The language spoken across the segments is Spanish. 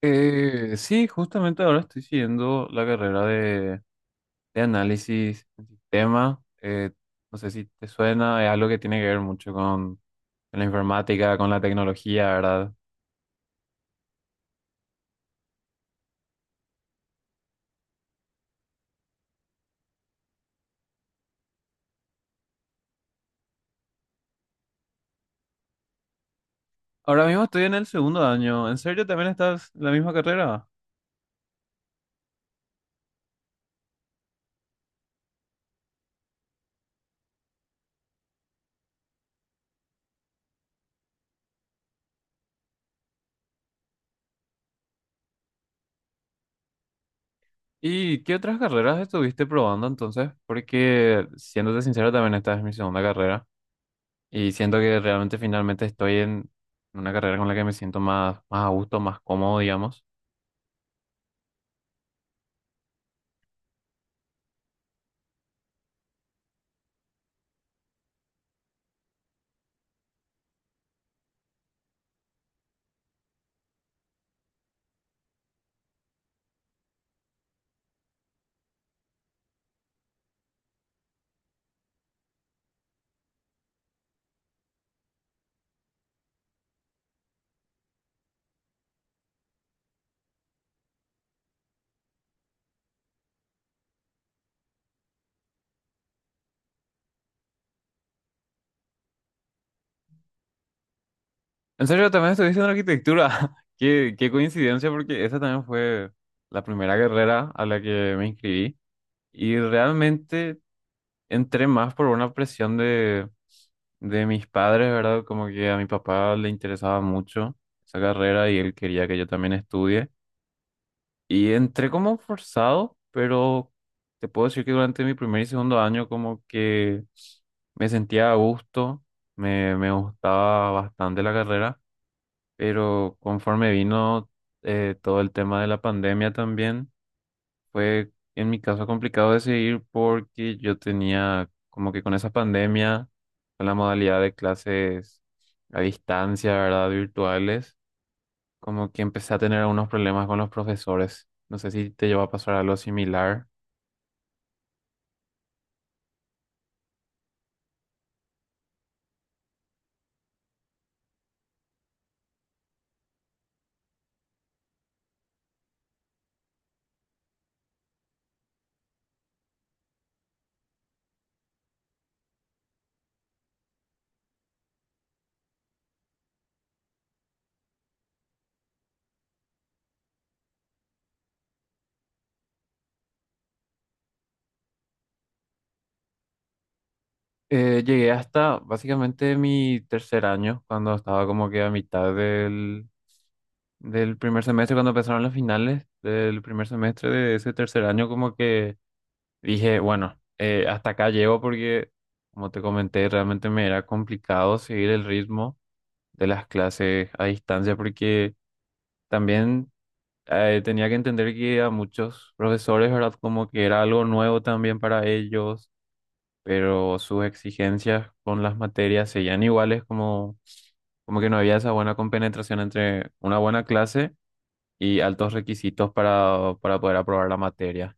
Sí, justamente ahora estoy siguiendo la carrera de análisis en sistema. No sé si te suena, es algo que tiene que ver mucho con la informática, con la tecnología, ¿verdad? Ahora mismo estoy en el segundo año. ¿En serio también estás en la misma carrera? ¿Y qué otras carreras estuviste probando entonces? Porque, siéndote sincero, también esta es mi segunda carrera. Y siento que realmente finalmente estoy en una carrera con la que me siento más, más a gusto, más cómodo, digamos. En serio, también estuviste en arquitectura. Qué, qué coincidencia, porque esa también fue la primera carrera a la que me inscribí. Y realmente entré más por una presión de mis padres, ¿verdad? Como que a mi papá le interesaba mucho esa carrera y él quería que yo también estudie. Y entré como forzado, pero te puedo decir que durante mi primer y segundo año como que me sentía a gusto, me gustaba bastante la carrera, pero conforme vino todo el tema de la pandemia también, fue en mi caso complicado decidir porque yo tenía como que con esa pandemia, con la modalidad de clases a distancia, ¿verdad? Virtuales, como que empecé a tener algunos problemas con los profesores. No sé si te lleva a pasar algo similar. Llegué hasta básicamente mi tercer año, cuando estaba como que a mitad del primer semestre, cuando empezaron las finales del primer semestre de ese tercer año, como que dije, bueno, hasta acá llego porque, como te comenté, realmente me era complicado seguir el ritmo de las clases a distancia porque también tenía que entender que a muchos profesores, ¿verdad? Como que era algo nuevo también para ellos, pero sus exigencias con las materias seguían iguales, como como que no había esa buena compenetración entre una buena clase y altos requisitos para poder aprobar la materia.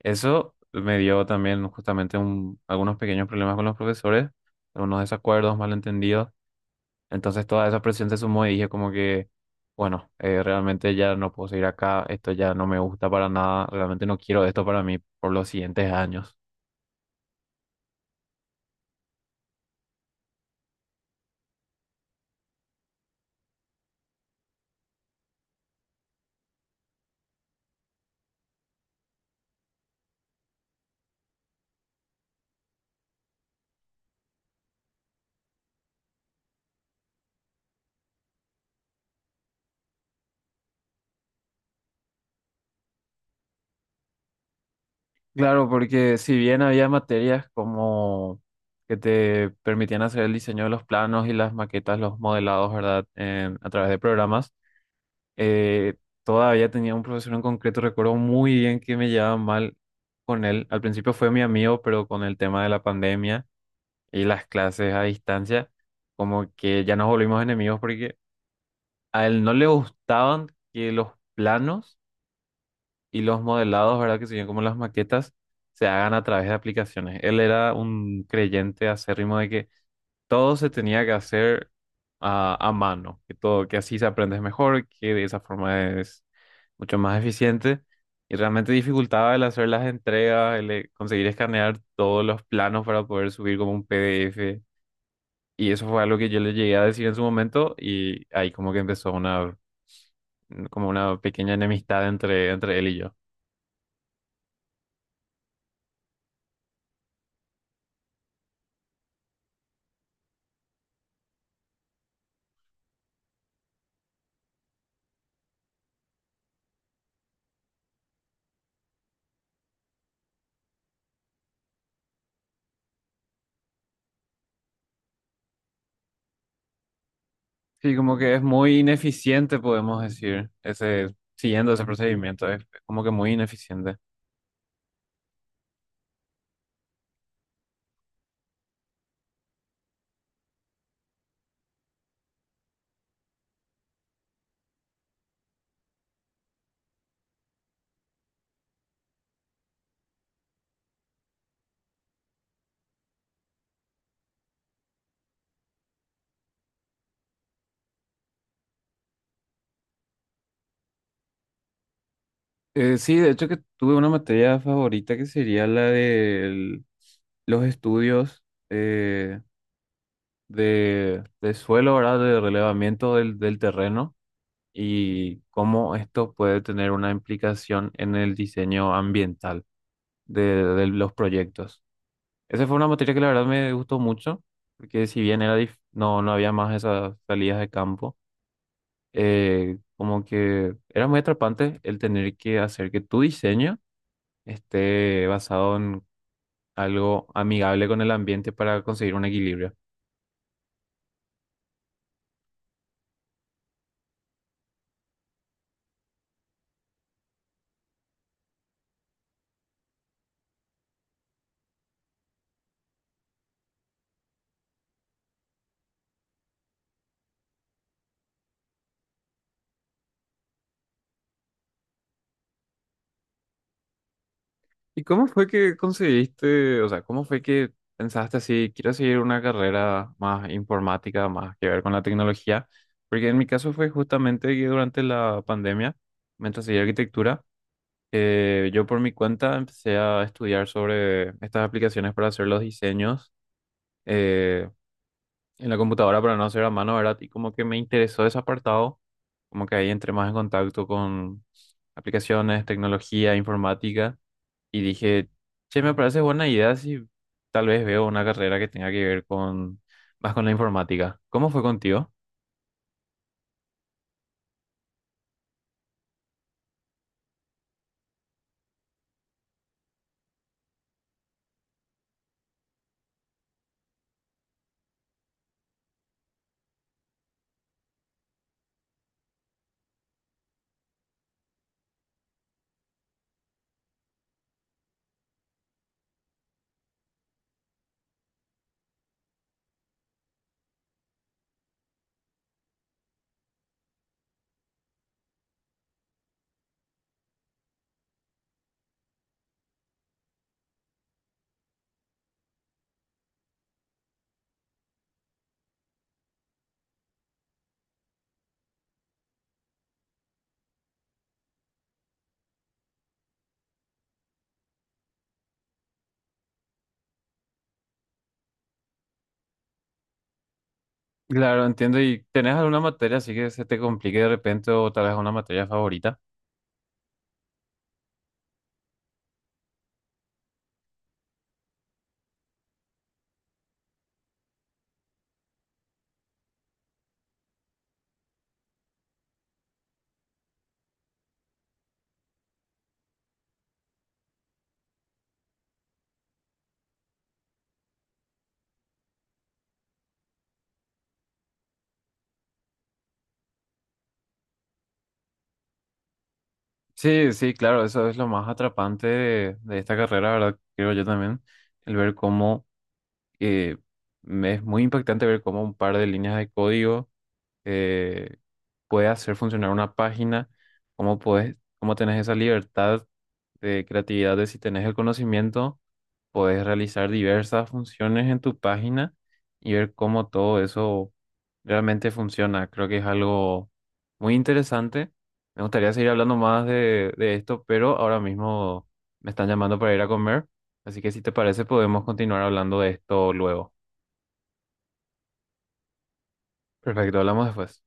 Eso me dio también justamente algunos pequeños problemas con los profesores, algunos desacuerdos, malentendidos. Entonces toda esa presión se sumó y dije como que, bueno, realmente ya no puedo seguir acá, esto ya no me gusta para nada, realmente no quiero esto para mí por los siguientes años. Claro, porque si bien había materias como que te permitían hacer el diseño de los planos y las maquetas, los modelados, ¿verdad? A través de programas. eh, Todavía tenía un profesor en concreto, recuerdo muy bien que me llevaba mal con él. Al principio fue mi amigo, pero con el tema de la pandemia y las clases a distancia, como que ya nos volvimos enemigos porque a él no le gustaban que los planos y los modelados, ¿verdad? Que se serían como las maquetas, se hagan a través de aplicaciones. Él era un creyente acérrimo de que todo se tenía que hacer a mano, que todo, que así se aprende mejor, que de esa forma es mucho más eficiente. Y realmente dificultaba el hacer las entregas, el conseguir escanear todos los planos para poder subir como un PDF. Y eso fue algo que yo le llegué a decir en su momento y ahí como que empezó una, como una pequeña enemistad entre, entre él y yo. Sí, como que es muy ineficiente, podemos decir, ese, siguiendo ese procedimiento, es como que muy ineficiente. Sí, de hecho que tuve una materia favorita que sería la de los estudios eh, de suelo, ¿verdad? De relevamiento del, del terreno y cómo esto puede tener una implicación en el diseño ambiental de los proyectos. Esa fue una materia que la verdad me gustó mucho, porque si bien era no, no había más esas salidas de campo, como que era muy atrapante el tener que hacer que tu diseño esté basado en algo amigable con el ambiente para conseguir un equilibrio. ¿Y cómo fue que conseguiste, o sea, cómo fue que pensaste así, quiero seguir una carrera más informática, más que ver con la tecnología? Porque en mi caso fue justamente que durante la pandemia, mientras seguía arquitectura, yo por mi cuenta empecé a estudiar sobre estas aplicaciones para hacer los diseños. Eh, en la computadora para no hacer a mano, ¿verdad? Y como que me interesó ese apartado, como que ahí entré más en contacto con aplicaciones, tecnología, informática, y dije, che, me parece buena idea si tal vez veo una carrera que tenga que ver con más con la informática. ¿Cómo fue contigo? Claro, entiendo. ¿Y tenés alguna materia así que se te complique de repente o tal vez una materia favorita? Sí, sí, claro, eso es lo más atrapante de esta carrera, ¿verdad? Creo yo también, el ver cómo eh, es muy impactante ver cómo un par de líneas de código eh, puede hacer funcionar una página, cómo puedes, cómo tenés esa libertad de creatividad de si tenés el conocimiento, puedes realizar diversas funciones en tu página y ver cómo todo eso realmente funciona. Creo que es algo muy interesante. Me gustaría seguir hablando más de esto, pero ahora mismo me están llamando para ir a comer, así que si te parece podemos continuar hablando de esto luego. Perfecto, hablamos después.